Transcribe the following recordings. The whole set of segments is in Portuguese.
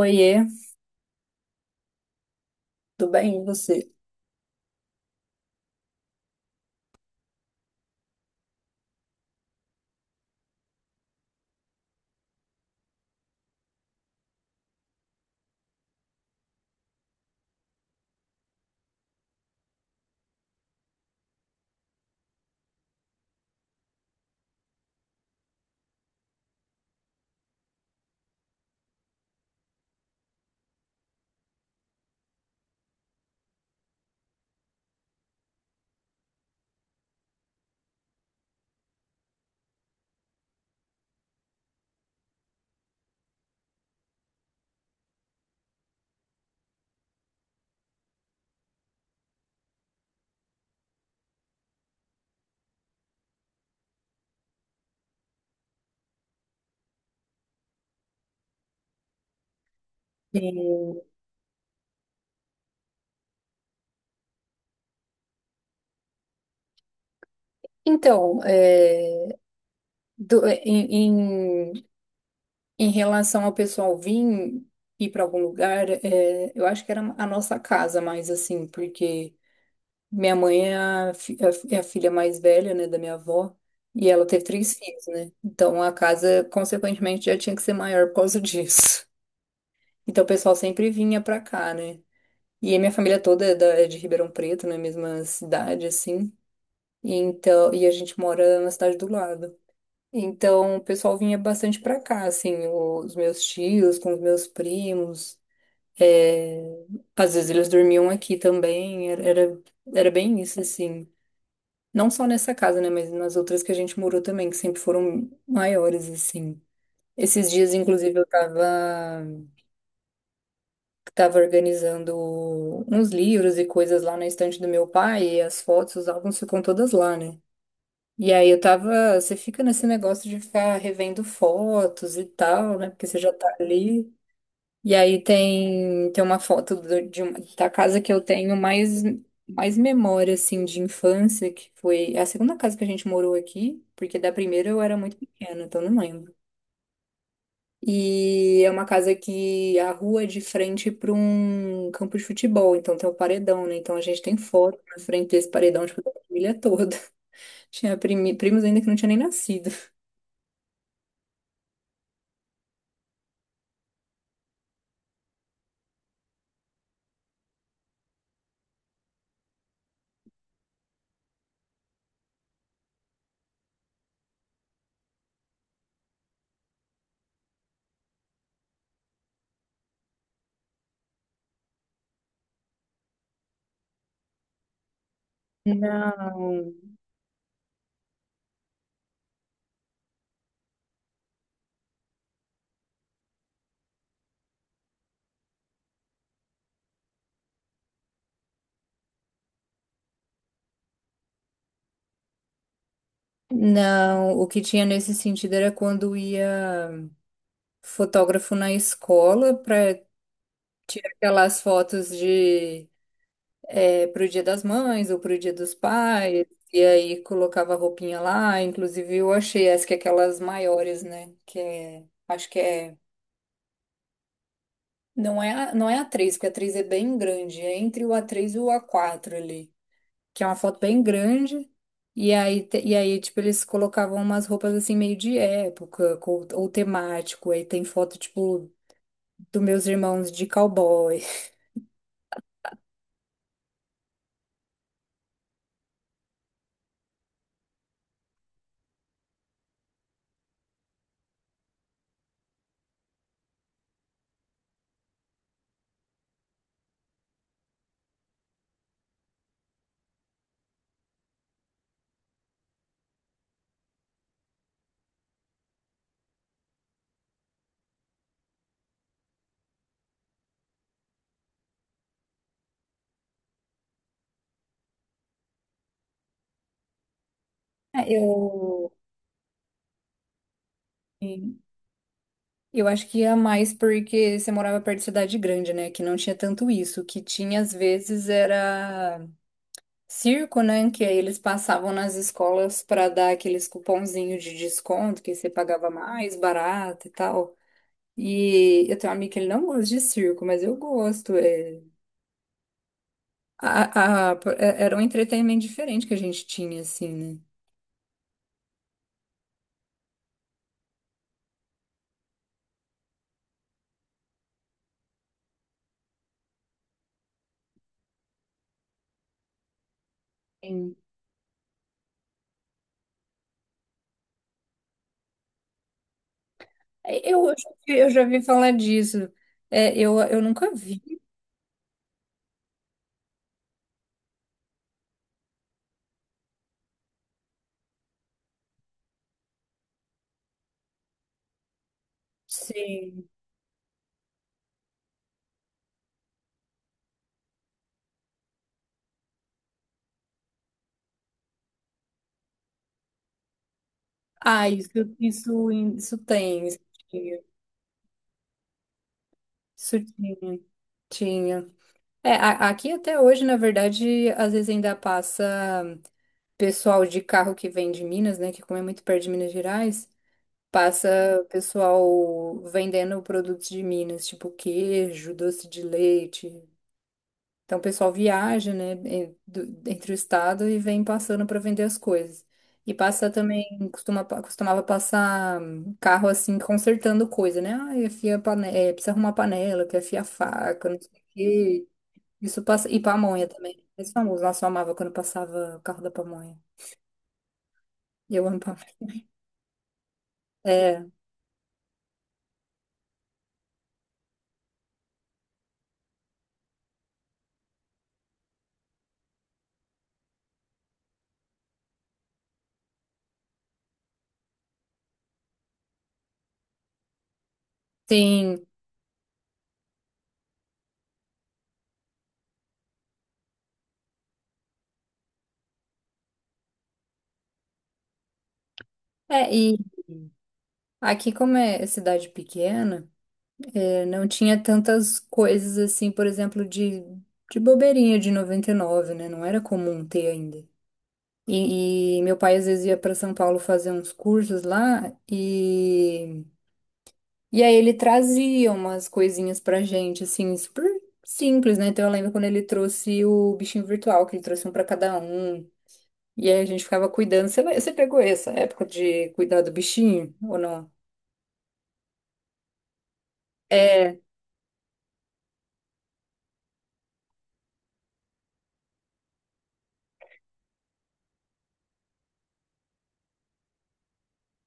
Oiê, tudo bem? E você? Sim. Então, do- é, em, em, em relação ao pessoal vir ir para algum lugar, eu acho que era a nossa casa mais assim, porque minha mãe é a filha mais velha, né, da minha avó, e ela teve três filhos, né? Então a casa, consequentemente, já tinha que ser maior por causa disso. Então o pessoal sempre vinha para cá, né? E a minha família toda é de Ribeirão Preto, na mesma cidade, assim. E então, e a gente mora na cidade do lado. Então, o pessoal vinha bastante pra cá, assim, os meus tios, com os meus primos. é, Às vezes eles dormiam aqui também, era bem isso, assim. Não só nessa casa, né, mas nas outras que a gente morou também, que sempre foram maiores, assim. Esses dias, inclusive, tava organizando uns livros e coisas lá na estante do meu pai, e as fotos, os álbuns ficam todas lá, né? E aí eu tava, você fica nesse negócio de ficar revendo fotos e tal, né? Porque você já tá ali. E aí tem uma foto da casa que eu tenho mais memória, assim, de infância, que foi a segunda casa que a gente morou aqui, porque da primeira eu era muito pequena, então não lembro. E é uma casa que a rua é de frente para um campo de futebol, então tem o paredão, né? Então a gente tem foto na frente desse paredão, tipo, da família toda. Tinha primos ainda que não tinha nem nascido. Não, não. O que tinha nesse sentido era quando ia fotógrafo na escola para tirar aquelas fotos de pro Dia das Mães ou pro Dia dos Pais, e aí colocava a roupinha lá. Inclusive eu achei essa que é aquelas maiores, né? Que é, acho que é, não é, não é A3 porque A3 é bem grande, é entre o A3 e o A4 ali. Que é uma foto bem grande. E aí, tipo, eles colocavam umas roupas assim meio de época, ou temático. Aí tem foto, tipo, dos meus irmãos de cowboy. É, Eu, eu acho que ia mais porque você morava perto de cidade grande, né? Que não tinha tanto isso. O que tinha, às vezes, era circo, né? Que aí eles passavam nas escolas para dar aqueles cupomzinhos de desconto, que você pagava mais barato e tal. E eu tenho um amigo que ele não gosta de circo, mas eu gosto. Era um entretenimento diferente que a gente tinha, assim, né? Sim. Eu já ouvi falar disso. Eu nunca vi. Sim. Ah, isso tem. Isso tinha. Isso tinha. Tinha. É, aqui até hoje, na verdade, às vezes ainda passa pessoal de carro que vem de Minas, né? Que como é muito perto de Minas Gerais. Passa o pessoal vendendo produtos de Minas, tipo queijo, doce de leite. Então o pessoal viaja, né, entre o estado e vem passando para vender as coisas. E passa também, costuma, costumava passar carro assim, consertando coisa, né? Ah, precisa arrumar panela, quer afiar faca, não sei o quê. Isso passa. E pamonha também, né? Esse famoso, nossa, eu amava quando passava o carro da pamonha. Eu amo pamonha. É, sim. É, e. Aqui, como é cidade pequena, não tinha tantas coisas assim, por exemplo, de bobeirinha de 99, né? Não era comum ter ainda. E meu pai às vezes ia para São Paulo fazer uns cursos lá e aí ele trazia umas coisinhas pra gente, assim, super simples, né? Então eu lembro quando ele trouxe o bichinho virtual, que ele trouxe um pra cada um. E aí a gente ficava cuidando. Você pegou essa época de cuidar do bichinho ou não? É,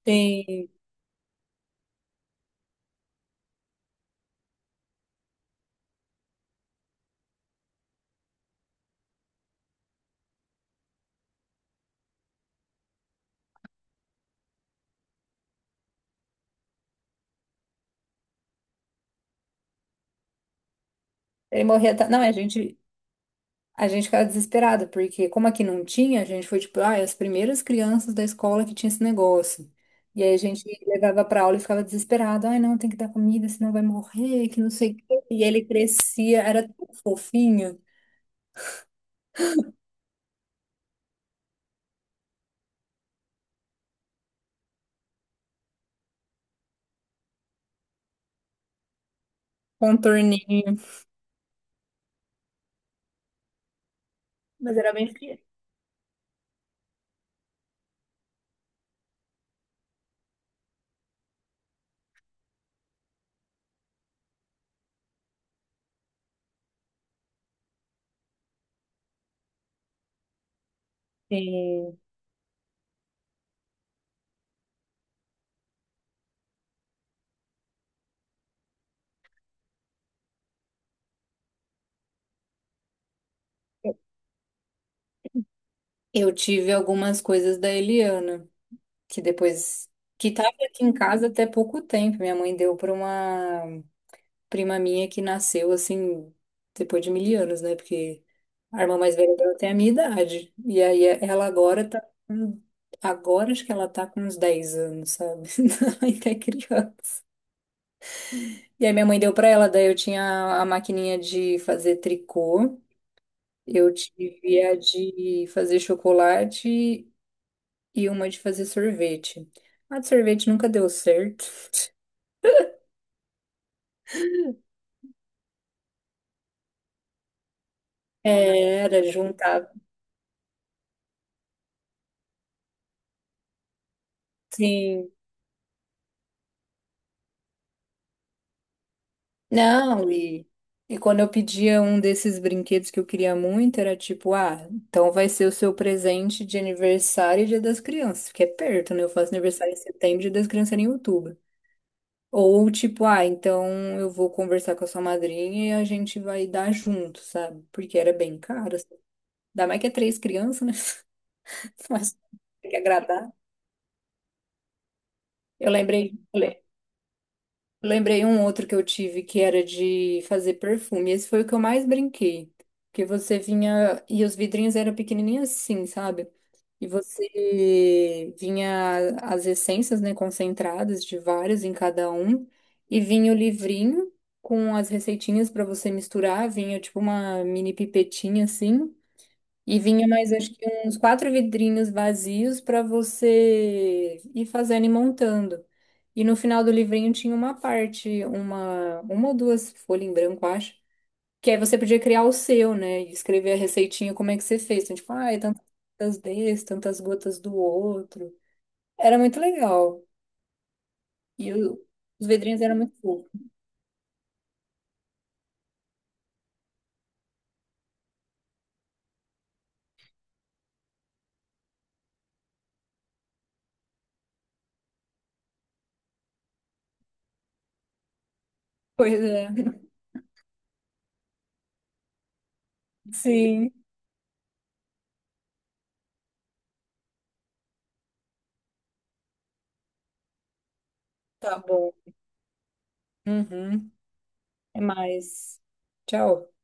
tem. Ele morria. Ta- Não, é, a gente, A gente ficava desesperado, porque como aqui não tinha, a gente foi tipo, ah, as primeiras crianças da escola que tinha esse negócio. E aí a gente levava pra aula e ficava desesperado. Ai, não, tem que dar comida, senão vai morrer, que não sei o quê. E ele crescia, era tão fofinho, contorninho, mas era bem pequeno. E Eu tive algumas coisas da Eliana, que depois, que tava aqui em casa até pouco tempo. Minha mãe deu pra uma prima minha que nasceu assim, depois de mil anos, né? Porque a irmã mais velha dela tem a minha idade. E aí ela agora tá. com- Agora acho que ela tá com uns 10 anos, sabe? Ainda é criança. E aí minha mãe deu pra ela, daí eu tinha a maquininha de fazer tricô, eu tive a de fazer chocolate e uma de fazer sorvete. A de sorvete nunca deu certo. É, era juntar, sim. Não, e, E quando eu pedia um desses brinquedos que eu queria muito, era tipo, ah, então vai ser o seu presente de aniversário e Dia das Crianças, que é perto, né? Eu faço aniversário em setembro, Dia das Crianças era em outubro. Ou tipo, ah, então eu vou conversar com a sua madrinha e a gente vai dar junto, sabe? Porque era bem caro. Assim. Ainda mais que é três crianças, né? Mas tem que agradar. Eu lembrei, Eu lembrei um outro que eu tive que era de fazer perfume. Esse foi o que eu mais brinquei. Porque você vinha. E os vidrinhos eram pequenininhos assim, sabe? E você vinha as essências, né, concentradas de vários em cada um. E vinha o livrinho com as receitinhas para você misturar. Vinha tipo uma mini pipetinha assim. E vinha mais, acho que uns quatro vidrinhos vazios para você ir fazendo e montando. E no final do livrinho tinha uma parte, uma ou duas folhas em branco, acho. Que aí você podia criar o seu, né? E escrever a receitinha, como é que você fez. Então, tipo, ah, é tantas gotas desse, tantas gotas do outro. Era muito legal. E o- os vidrinhos eram muito fofos. Pois é. Sim, tá bom. Uhum. É mais. Tchau.